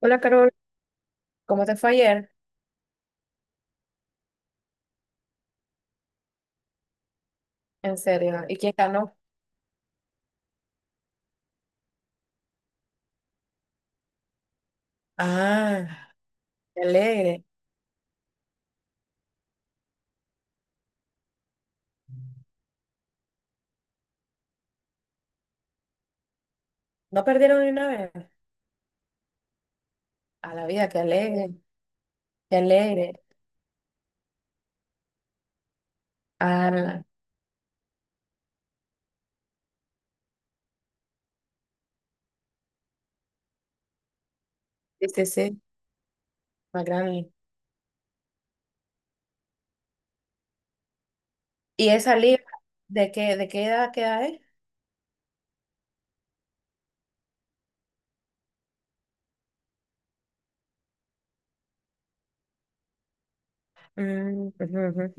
Hola Carol, ¿cómo te fue ayer? En serio, ¿y quién ganó? Ah, qué alegre. ¿No perdieron ni una vez? A la vida, qué alegre, qué alegre. Ah, sí, sí, sí, más grande. ¿Y esa liga, de qué edad queda es? Mm, ujú,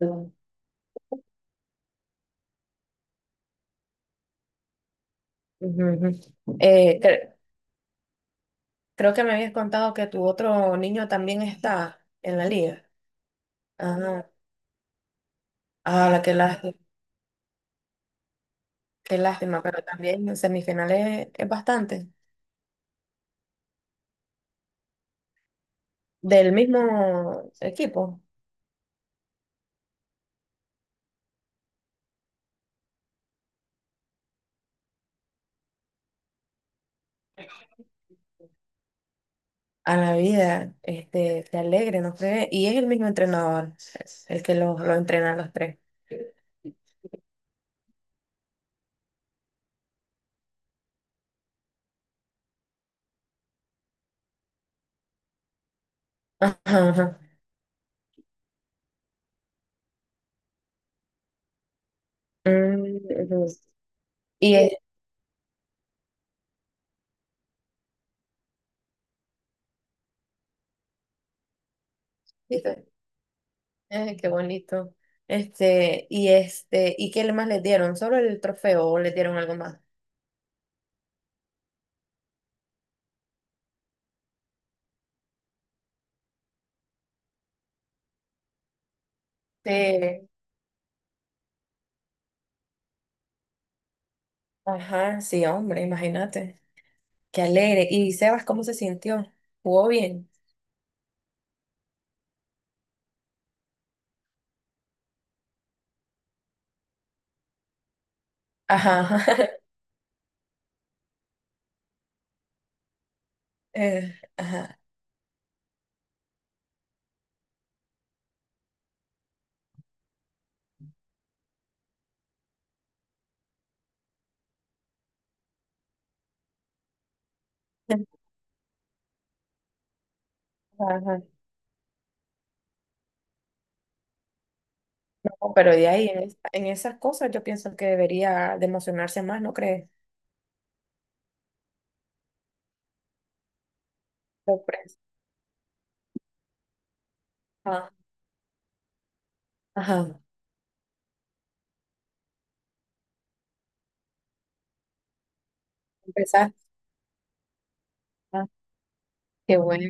ujú, ujú, ujú. Creo que me habías contado que tu otro niño también está en la liga. Ah, ah, qué lástima, pero también en semifinales es bastante. Del mismo equipo. A la vida, este, que alegre, no sé, y es el mismo entrenador, el que los lo entrena a los tres. Ajá, ajá. Mm, ujú. Y este, qué bonito. Este, y este, ¿y qué más les dieron? ¿Solo el trofeo o les dieron algo más? Sí. Ajá, sí, hombre, imagínate. Qué alegre. ¿Y Sebas cómo se sintió? ¿Jugó bien? Ajá. Ajá. Ajá. No, pero de ahí, en esas cosas yo pienso que debería de emocionarse más, ¿no crees? Sorpresa. Ah, ajá, empezaste. Ah, qué bueno,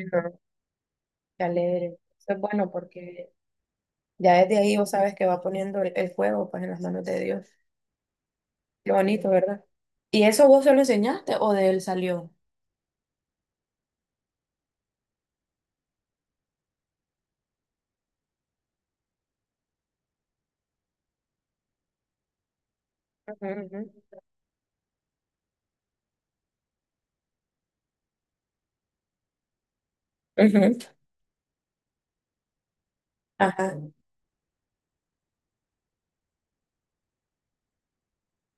qué alegre. Eso es bueno porque ya desde ahí vos sabes que va poniendo el fuego pues en las manos de Dios. Qué bonito, ¿verdad? ¿Y eso vos se lo enseñaste o de él salió? Ujú, ujú. Ujú. Ajá,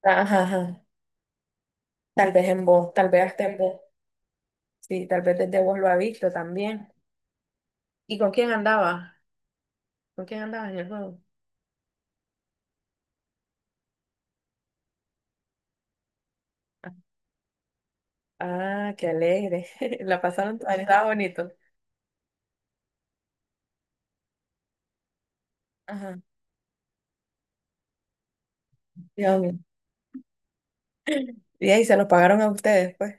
ajá, ajá. Tal vez en vos, tal vez hasta en vos. Sí, tal vez desde vos lo ha visto también. ¿Y con quién andaba? ¿Con quién andabas en el juego? Ah, qué alegre. La pasaron, ah, estaba bonito. Ajá. Dios mío. Y ahí se los pagaron a ustedes, pues.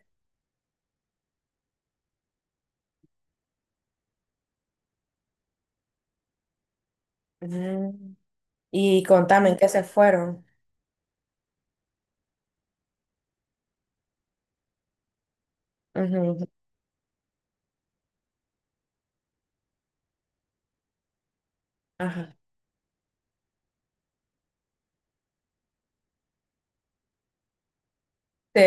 Mm, Y contame, ¿en qué se fueron? Ujú, Ajá. Sí,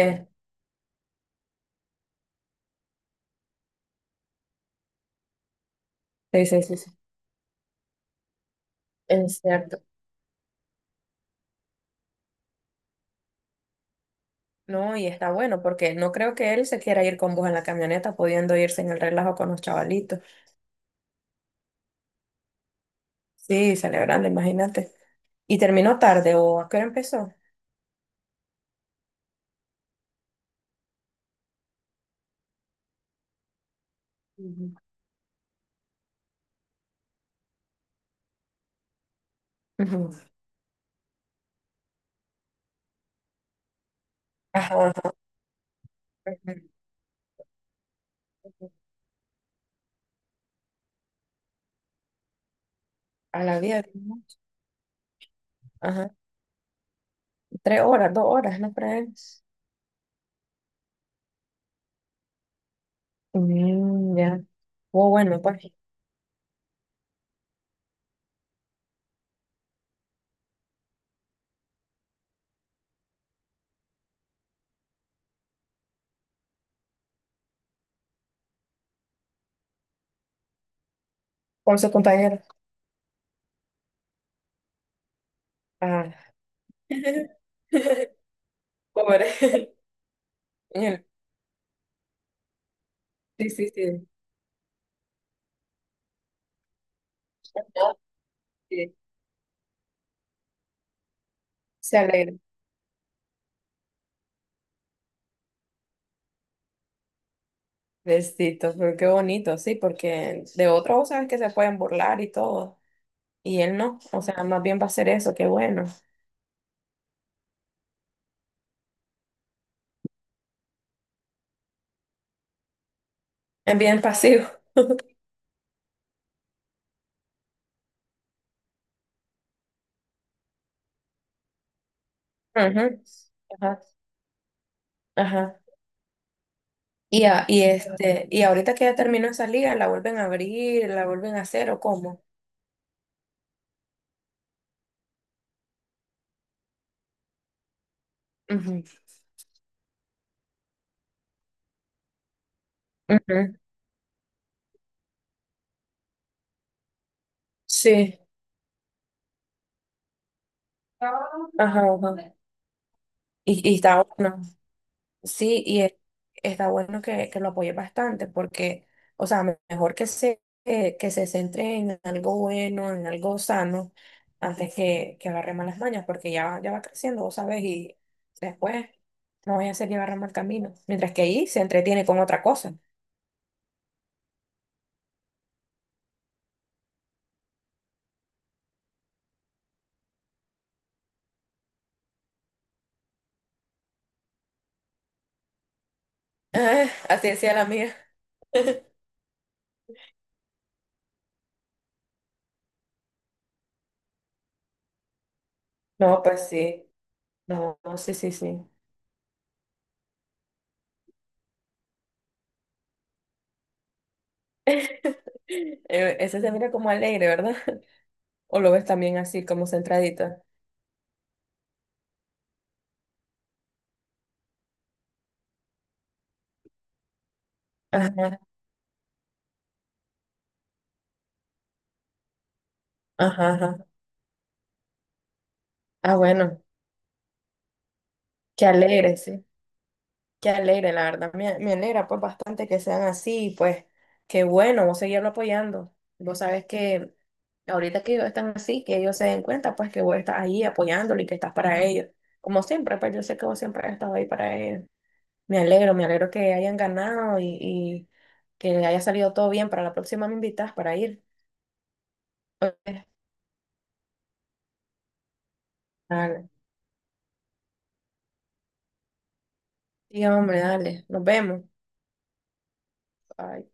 sí, sí, sí. Sí. Es cierto. No, y está bueno porque no creo que él se quiera ir con vos en la camioneta, pudiendo irse en el relajo con los chavalitos. Sí, celebrando, imagínate. ¿Y terminó tarde o a qué hora empezó? Ujú, ujú, ajá, ajá, ujú, a la 10, ujú. Ajá, tres horas, dos horas, ¿no crees? Mm, ya. Oh, bueno, pues, con sus compañeros. Ah, pobre. Ñe. Sí, sí, sí. Ah, sí, se alegra. Besito, pero qué bonito, sí, porque de otros vos sabes que se pueden burlar y todo. Y él no. O sea, más bien va a hacer eso, qué bueno. Es bien pasivo. Ujú. Ajá. Ajá. Y, y este, y ahorita que ya terminó esa liga, ¿la vuelven a abrir? ¿La vuelven a hacer o cómo? Ujú. Ujú. Sí. Ajá, ajá. Y está bueno. Sí, y está bueno que lo apoye bastante porque, o sea, mejor que se centre en algo bueno, en algo sano, antes que agarre malas mañas, porque ya va creciendo, vos sabes, y después no voy a hacer llevar a mal camino, mientras que ahí se entretiene con otra cosa. Ah, así decía la mía. No, pues sí, no, no, sí, sí, sí. Ese se mira como alegre, ¿verdad? ¿O lo ves también así, como centradito? Ajá, ajá, ajá. Ah, bueno, qué alegre, sí, qué alegre, la verdad, me alegra pues bastante que sean así, y, pues qué bueno, vos seguirlo apoyando. Vos sabes que ahorita que ellos están así, que ellos se den cuenta pues que vos estás ahí apoyándolo y que estás para ellos. Como siempre, pues yo sé que vos siempre has estado ahí para ellos. Me alegro que hayan ganado y que haya salido todo bien. Para la próxima me invitas para ir. Ok, dale. Sí, hombre, dale, nos vemos. Bye.